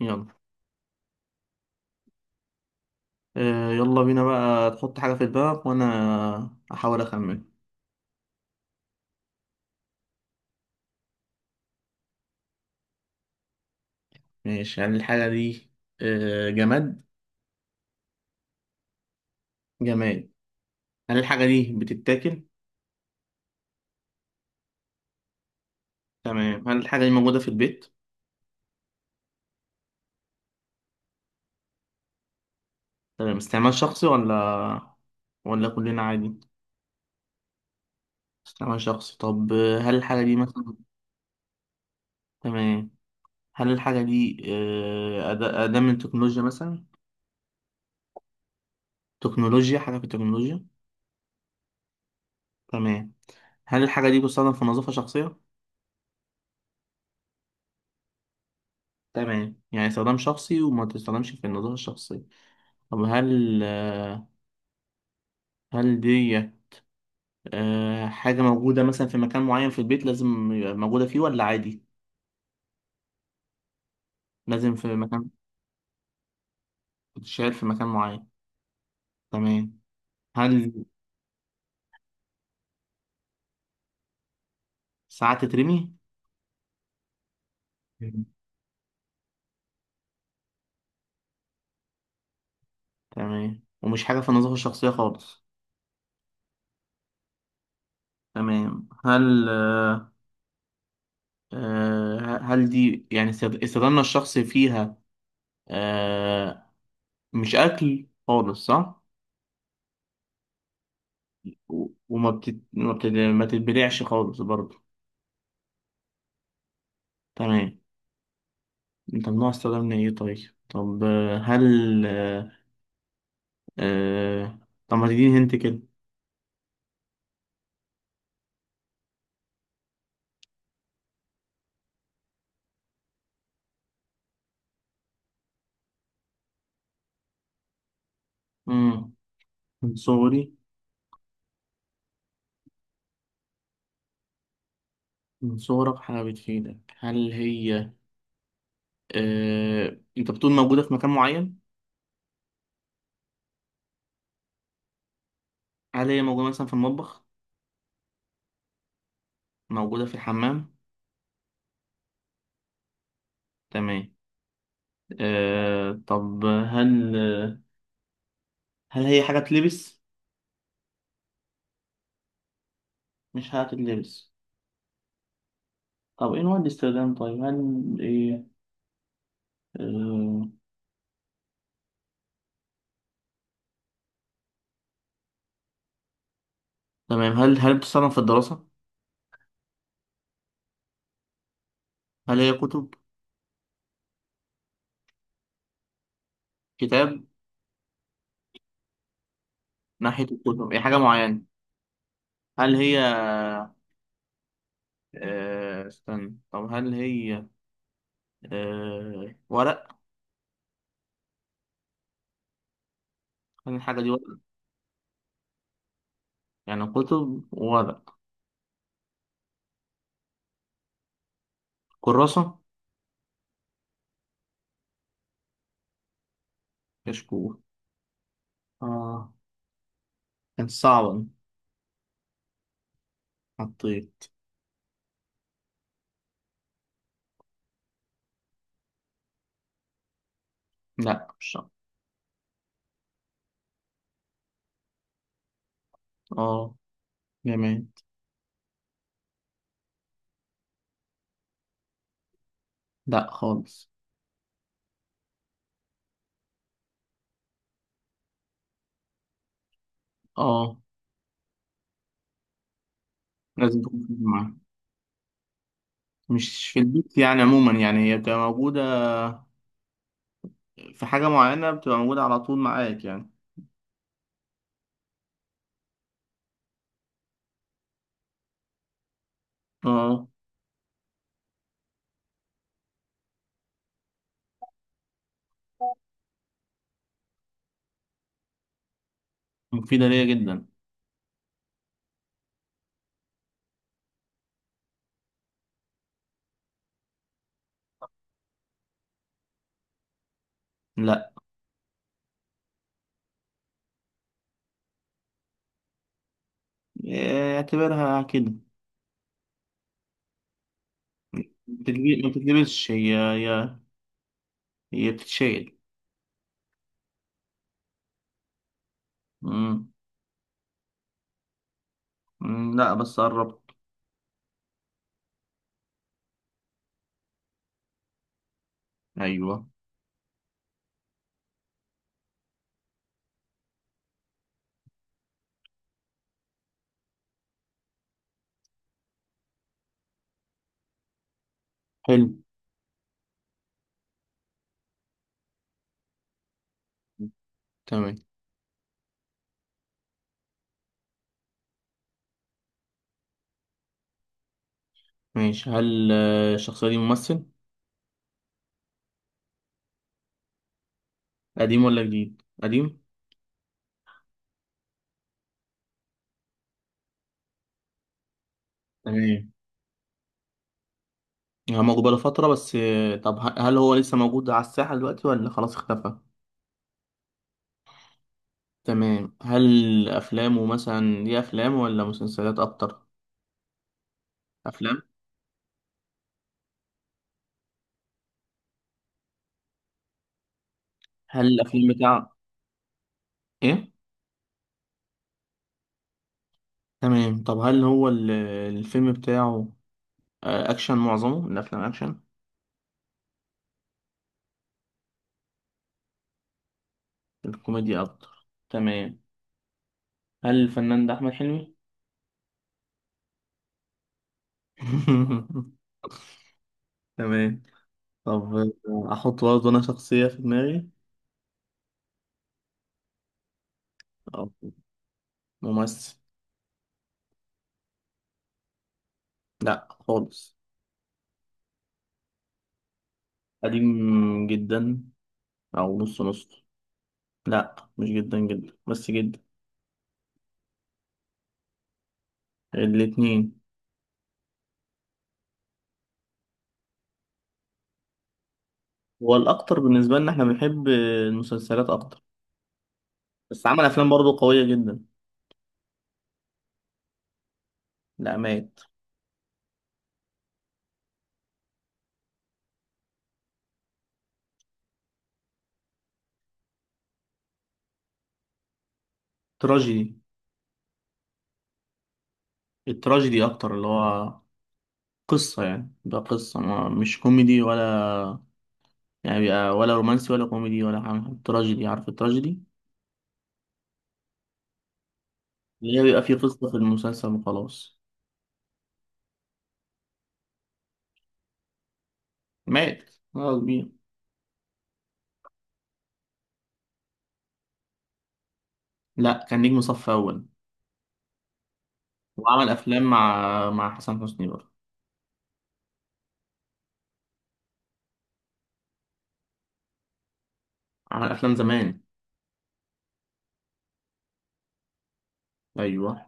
يلا. يلا بينا بقى تحط حاجة في دماغك وأنا أحاول أخمن. ماشي، هل الحاجة دي جماد؟ جماد. هل الحاجة دي بتتاكل؟ تمام. هل الحاجة دي موجودة في البيت؟ تمام، استعمال شخصي ولا كلنا عادي؟ استعمال شخصي. طب هل الحاجة دي مثلا. تمام. هل الحاجة دي أداة من تكنولوجيا مثلا؟ تكنولوجيا؟ حاجة في التكنولوجيا؟ تمام. هل الحاجة دي بتستخدم في نظافة شخصية؟ تمام، يعني استخدام شخصي وما تستخدمش في النظافة الشخصية. طب هل دي حاجة موجودة مثلا في مكان معين في البيت، لازم يبقى موجودة فيه ولا عادي؟ لازم في مكان. بتتشال في مكان معين. تمام. هل ساعات تترمي؟ مم. تمام، ومش حاجة في النظافة الشخصية خالص. تمام. هل آه، آه، هل دي، يعني استخدامنا الشخصي فيها، آه، مش أكل خالص، صح؟ و- وما بتت... ما بتت... ما تتبلعش خالص برضه. تمام. طب، نوع السعودة من ايه طيب؟ طب هل آه... طب ما تديني هنت كده. مم. من صغري. من صغرك حاجة بتفيدك. انت بتقول موجودة في مكان معين. هل هي موجودة مثلا في المطبخ؟ موجودة في الحمام؟ تمام. طب، هل هي حاجة تلبس؟ مش حاجة تلبس. طب ايه نوع الاستخدام طيب؟ آه... تمام. هل بتستخدم في الدراسة؟ هل هي كتب؟ كتاب؟ ناحية الكتب. هي حاجة معينة؟ هل هي آه، استنى. طب هل هي آه، ورق؟ هل الحاجة دي ورق؟ يعني كتب وورق؟ كراسة؟ كشكول. اه، كانت صعبة دي. حطيت. لا، مش صعب. اه. جميل. لا خالص. اه. لازم تكون في معاك، مش في البيت يعني، عموما يعني هي بتبقى موجودة في حاجة معينة، بتبقى موجودة على طول معاك يعني. اه، مفيدة ليا جدا. لا، إيه، اعتبرها كده. ما تتلبسش. هي بتتشيل. مم. مم، لا، بس قربت. ايوه. حلو. تمام. ماشي. هل الشخصية دي ممثل؟ قديم ولا جديد؟ قديم. تمام. هو موجود بقاله فترة، بس هل هو لسه موجود على الساحة دلوقتي ولا خلاص اختفى؟ تمام. هل أفلامه مثلا دي أفلام ولا مسلسلات أكتر؟ أفلام. هل الأفلام بتاعه إيه؟ تمام. طب هل هو الفيلم بتاعه أكشن؟ معظمه الأفلام أكشن؟ الكوميديا أكتر. تمام. هل الفنان ده أحمد حلمي؟ تمام. طب، أحط برضه أنا شخصية في دماغي. أو ممثل. لأ خالص. قديم جدا. أو نص نص. لأ، مش جدا جدا بس جدا. الاتنين. هو الأكتر. بالنسبة لنا، إحنا بنحب المسلسلات أكتر. بس عمل أفلام برضه قوية جدا. لأ، مات. تراجيدي. التراجيدي أكتر، اللي هو قصة، يعني ده قصة ما، مش كوميدي ولا، يعني بيبقى، ولا رومانسي ولا كوميدي ولا حاجة، تراجيدي. عارف التراجيدي؟ اللي هي بيبقى فيه قصة في المسلسل وخلاص. مات خلاص. كبير. لا، كان نجم صف أول. وعمل أفلام مع حسن حسني برضه. عمل أفلام زمان. أيوه.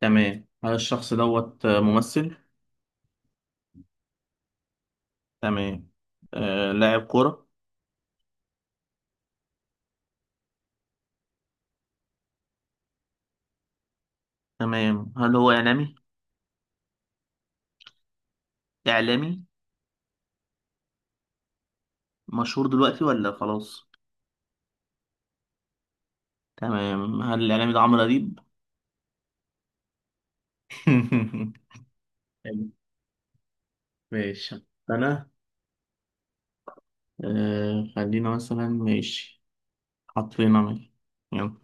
تمام. هل الشخص دوت ممثل؟ تمام. لاعب كورة؟ تمام. هل هو إعلامي؟ إعلامي. مشهور دلوقتي ولا خلاص؟ تمام. هل الإعلامي ده عمرو أديب؟ حلو. ماشي، أنا. خلينا مثلا ماشي، حاطين، انا. يلا.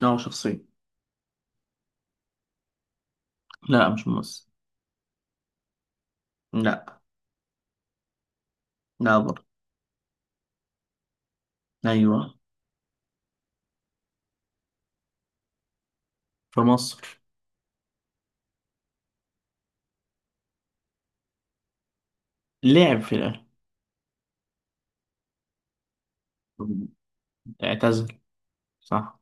لا، هو شخصية. لا مش ممثل. لا. لا برضه. أيوه. في مصر. لعب في الاهلي. اعتزل. صح.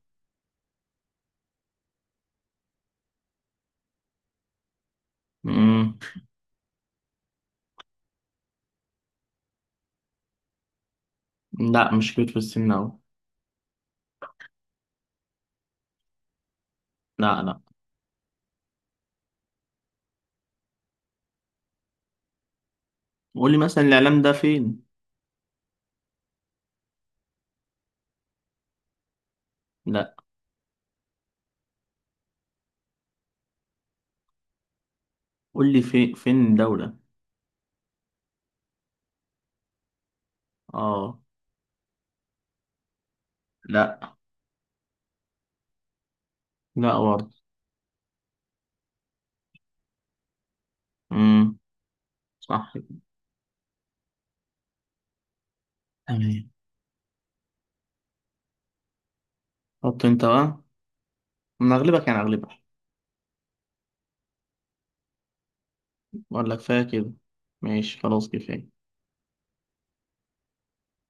مم. لا، مش كبير في السن أوي. لا، لا. قول لي، مثلا الإعلام ده فين؟ لا. قول لي في فين دولة. اه. لا. لا برضه. امم. صح كده. تمام. حط انت بقى. انا اغلبك، يعني اغلبك. ولا كفايه كده؟ ماشي، خلاص كفايه.